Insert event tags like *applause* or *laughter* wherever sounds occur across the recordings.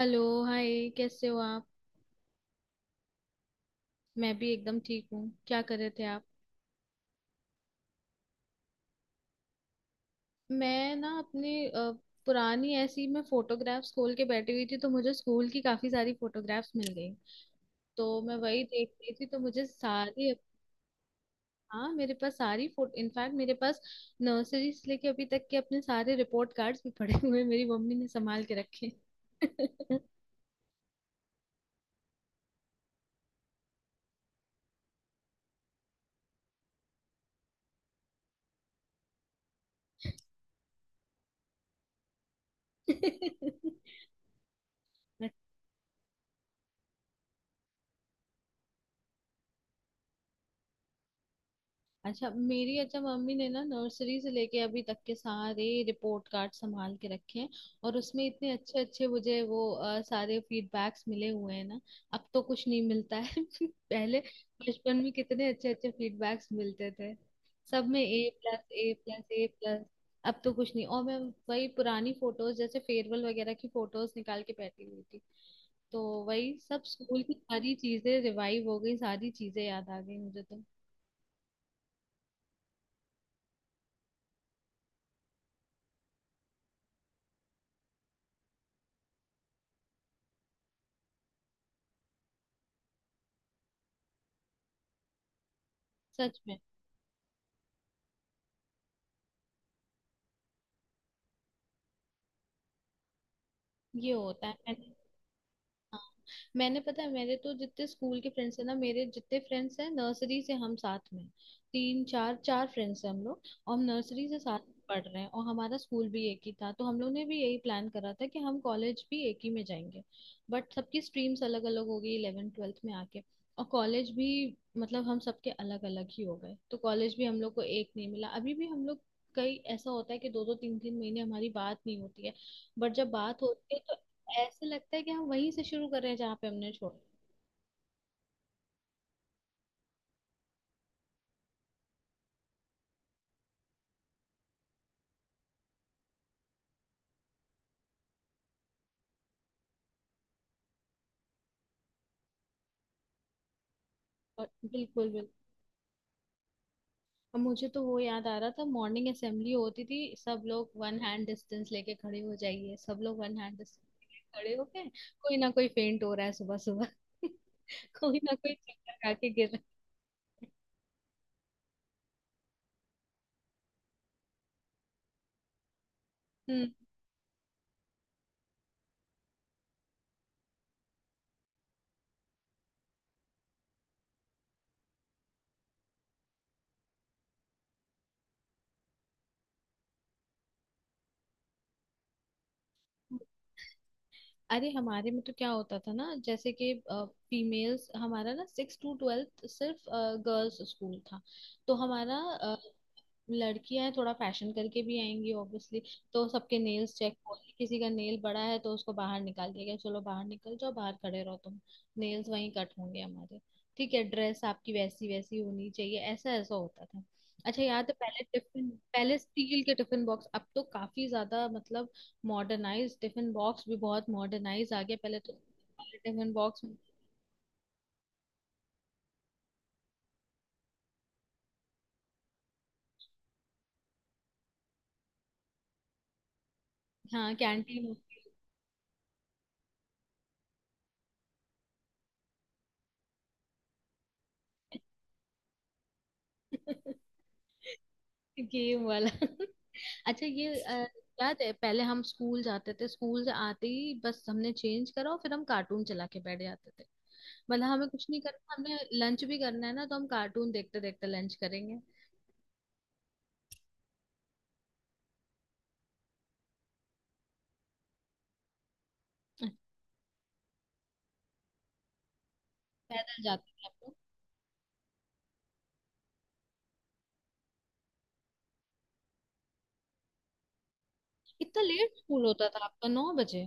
Hello, hi, कैसे हो आप। मैं भी एकदम ठीक हूँ। क्या कर रहे थे आप। मैं ना अपनी पुरानी ऐसी मैं फोटोग्राफ्स खोल के बैठी हुई थी तो मुझे स्कूल की काफी सारी फोटोग्राफ्स मिल गई। तो मैं वही देख रही थी तो मुझे सारी। हाँ, मेरे पास सारी फोटो, इनफैक्ट मेरे पास नर्सरी से लेके अभी तक के अपने सारे रिपोर्ट कार्ड्स भी पड़े हुए हैं, मेरी मम्मी ने संभाल के रखे *laughs* हैं। अच्छा, मेरी अच्छा मम्मी ने ना नर्सरी से लेके अभी तक के सारे रिपोर्ट कार्ड संभाल के रखे हैं। और उसमें इतने अच्छे अच्छे मुझे वो सारे फीडबैक्स मिले हुए हैं ना। अब तो कुछ नहीं मिलता है *laughs* पहले बचपन में कितने अच्छे अच्छे फीडबैक्स मिलते थे। सब में A+ A+ A+। अब तो कुछ नहीं, और मैं वही पुरानी फोटोज जैसे फेयरवेल वगैरह की फोटोज निकाल के बैठी हुई थी। तो वही सब स्कूल की सारी चीजें रिवाइव हो गई, सारी चीजें याद आ गई मुझे तो। सच में, ये होता है। मैंने, हाँ, मैंने पता है मेरे तो जितने स्कूल के फ्रेंड्स हैं ना, मेरे जितने फ्रेंड्स हैं नर्सरी से हम साथ में। तीन चार चार फ्रेंड्स हैं हम लोग। और हम नर्सरी से साथ में पढ़ रहे हैं, और हमारा स्कूल भी एक ही था तो हम लोग ने भी यही प्लान करा था कि हम कॉलेज भी एक ही में जाएंगे। बट सबकी स्ट्रीम्स अलग अलग हो गई इलेवेंथ ट्वेल्थ में आके। और कॉलेज भी मतलब हम सबके अलग अलग ही हो गए तो कॉलेज भी हम लोग को एक नहीं मिला। अभी भी हम लोग कई ऐसा होता है कि दो दो तीन तीन महीने हमारी बात नहीं होती है। बट जब बात होती है तो ऐसे लगता है कि हम वहीं से शुरू कर रहे हैं जहाँ पे हमने छोड़ा। और बिल्कुल बिल्कुल। अब मुझे तो वो याद आ रहा था, मॉर्निंग असेंबली होती थी, सब लोग वन हैंड डिस्टेंस लेके खड़े हो जाइए, सब लोग वन हैंड डिस्टेंस लेके खड़े हो गए। कोई ना कोई फेंट हो रहा है सुबह सुबह *laughs* कोई ना कोई चक्कर खा के गिर रहा है। हम्म। अरे हमारे में तो क्या होता था ना, जैसे कि फीमेल्स, हमारा ना सिक्स टू ट्वेल्थ सिर्फ गर्ल्स स्कूल था। तो हमारा लड़कियां थोड़ा फैशन करके भी आएंगी ऑब्वियसली। तो सबके नेल्स चेक होंगे, किसी का नेल बड़ा है तो उसको बाहर निकाल दिया गया, चलो बाहर निकल जाओ बाहर खड़े रहो तुम। नेल्स वहीं कट होंगे हमारे। ठीक है, ड्रेस आपकी वैसी वैसी होनी चाहिए, ऐसा ऐसा होता था। अच्छा याद है पहले टिफिन, पहले स्टील के टिफिन बॉक्स, अब तो काफी ज्यादा मतलब मॉडर्नाइज, टिफिन बॉक्स भी बहुत मॉडर्नाइज आ गया, पहले तो टिफिन बॉक्स। हाँ कैंटीन *laughs* गेम वाला *laughs* अच्छा ये याद है पहले हम स्कूल जाते थे, स्कूल से आते ही बस हमने चेंज करा और फिर हम कार्टून चला के बैठ जाते थे। मतलब हमें कुछ नहीं करना, हमने लंच भी करना है ना तो हम कार्टून देखते देखते लंच करेंगे। पैदल जाते थे आप लोग। इतना लेट स्कूल होता था आपका, 9 बजे।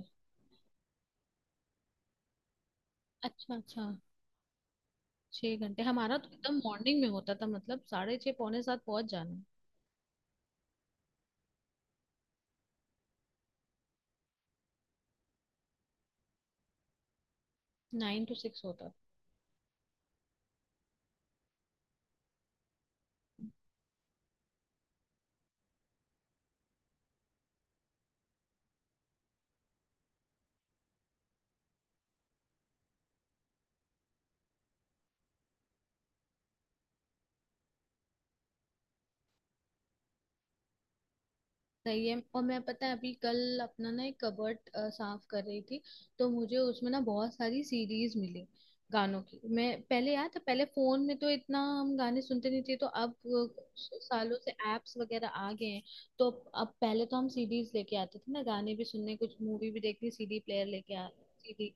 अच्छा अच्छा। छह घंटे हमारा तो एकदम मॉर्निंग में होता था, मतलब साढ़े 6 पौने 7 पहुंच जाना। नाइन टू सिक्स होता। सही है। और मैं पता है अभी कल अपना ना एक कबर्ट साफ कर रही थी, तो मुझे उसमें ना बहुत सारी सीरीज मिली गानों की। मैं पहले याद है पहले फोन में तो इतना हम गाने सुनते नहीं थे तो सालों से एप्स वगैरह आ गए हैं। तो अब पहले तो हम सीडीज लेके आते थे ना गाने भी सुनने, कुछ मूवी भी देखनी सीडी प्लेयर लेके आ सीडी।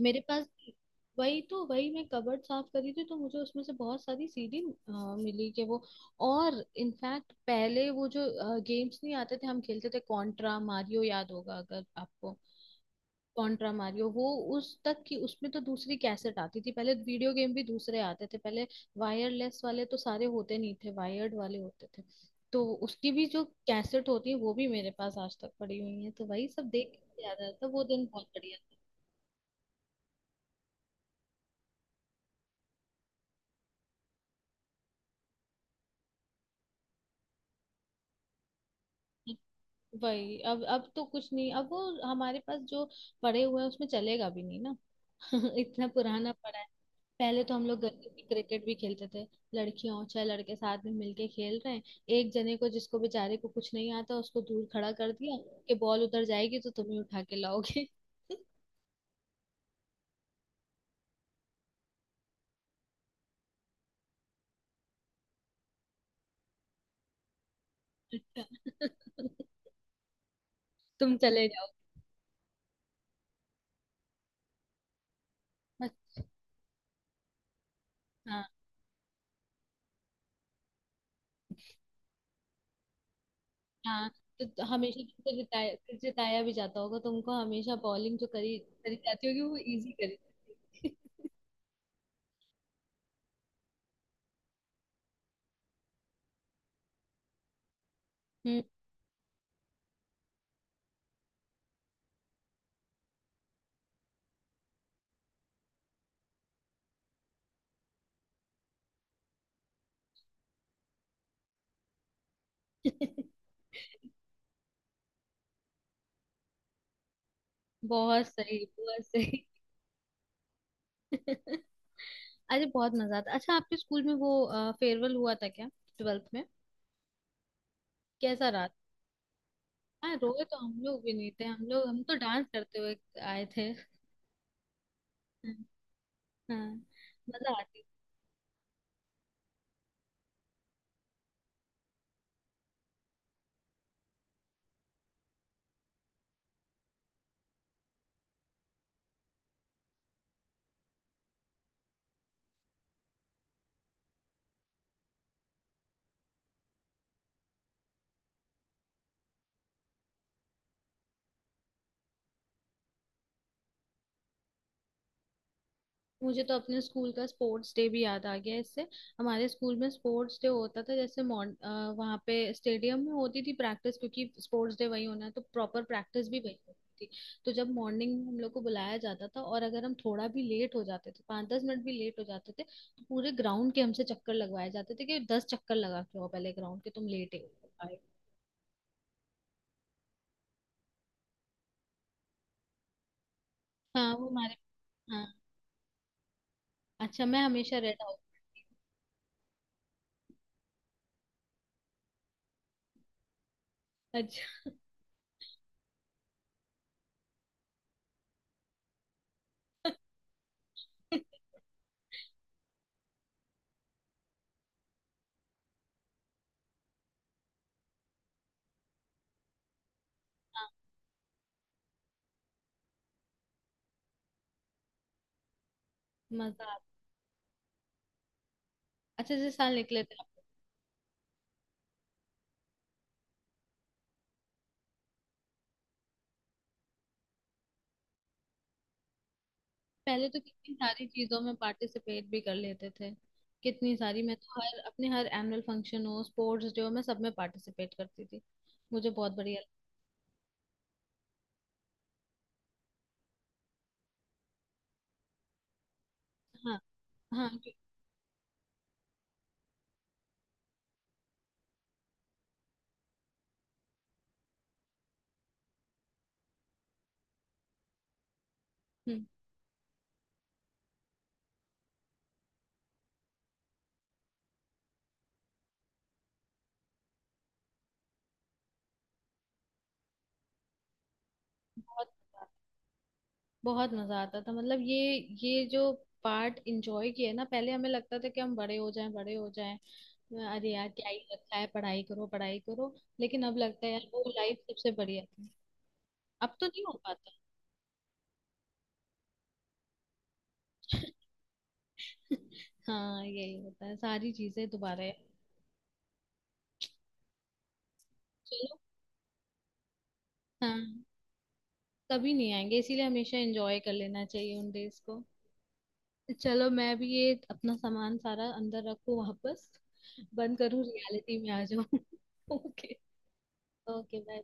मेरे पास वही तो, वही मैं कबर्ड साफ करी थी तो मुझे उसमें से बहुत सारी सीडी अ, मिली के वो। और इनफैक्ट पहले वो जो गेम्स नहीं आते थे हम खेलते थे कॉन्ट्रा मारियो, याद होगा अगर आपको। कॉन्ट्रा मारियो वो उस तक की, उसमें तो दूसरी कैसेट आती थी, पहले वीडियो गेम भी दूसरे आते थे पहले। वायरलेस वाले तो सारे होते नहीं थे, वायर्ड वाले होते थे। तो उसकी भी जो कैसेट होती है वो भी मेरे पास आज तक पड़ी हुई है, तो वही सब देख के याद आता था, वो दिन बहुत बढ़िया था। वही, अब तो कुछ नहीं, अब वो हमारे पास जो पड़े हुए हैं उसमें चलेगा भी नहीं ना *laughs* इतना पुराना पड़ा है। पहले तो हम लोग गली में क्रिकेट भी खेलते थे। लड़कियां और छह लड़के साथ में मिलके खेल रहे हैं। एक जने को, जिसको बेचारे को कुछ नहीं आता उसको दूर खड़ा कर दिया कि बॉल उधर जाएगी तो तुम्हें उठा के लाओगे *laughs* अच्छा *laughs* तुम चले जाओ। बस, हाँ हाँ। तो हमेशा तुमको जिताया, फिर जिताया भी जाता होगा तुमको, हमेशा बॉलिंग जो करी करी जाती होगी वो इजी करी जाती होगी। *laughs* *laughs* बहुत सही *laughs* अरे बहुत मजा आता। अच्छा आपके स्कूल में वो फेयरवेल हुआ था क्या ट्वेल्थ में, कैसा रहा। हाँ, रोए तो हम लोग भी नहीं थे, हम लोग हम तो डांस करते हुए आए थे *laughs* हाँ मजा आती। मुझे तो अपने स्कूल का स्पोर्ट्स डे भी याद आ गया इससे। हमारे स्कूल में स्पोर्ट्स डे होता था जैसे मॉर्न, वहाँ पे स्टेडियम में होती थी प्रैक्टिस क्योंकि स्पोर्ट्स डे वही होना है तो प्रॉपर प्रैक्टिस भी वही होती थी। तो जब मॉर्निंग में हम लोग को बुलाया जाता था और अगर हम थोड़ा भी लेट हो जाते थे, 5-10 मिनट भी लेट हो जाते थे तो पूरे ग्राउंड के हमसे चक्कर लगवाए जाते थे कि 10 चक्कर लगा के आओ पहले ग्राउंड के, तुम लेट आए हो। हाँ वो हमारे, हाँ। अच्छा मैं हमेशा रेड हाउस। अच्छा *laughs* हाँ मजा आता। अच्छा जैसे साल निकले थे आप? पहले तो कितनी सारी चीजों में पार्टिसिपेट भी कर लेते थे। कितनी सारी मैं तो हर अपने हर एनुअल फंक्शन हो स्पोर्ट्स डे हो मैं सब में पार्टिसिपेट करती थी, मुझे बहुत बढ़िया लगता। हाँ हाँ हम्म, बहुत बहुत मजा आता था, मतलब ये जो पार्ट इंजॉय किया है ना, पहले हमें लगता था कि हम बड़े हो जाएं बड़े हो जाएं, अरे यार क्या ही रखा है पढ़ाई करो पढ़ाई करो। लेकिन अब लगता है यार वो लाइफ सबसे बढ़िया थी। अब तो नहीं हो पाता *laughs* हाँ यही होता है सारी चीजें दोबारा। चलो, हाँ कभी नहीं आएंगे इसीलिए हमेशा एंजॉय कर लेना चाहिए उन डेज को। चलो मैं भी ये अपना सामान सारा अंदर रखूं वापस, बंद करूं रियलिटी में आ जाऊं *laughs* ओके, ओके बाय।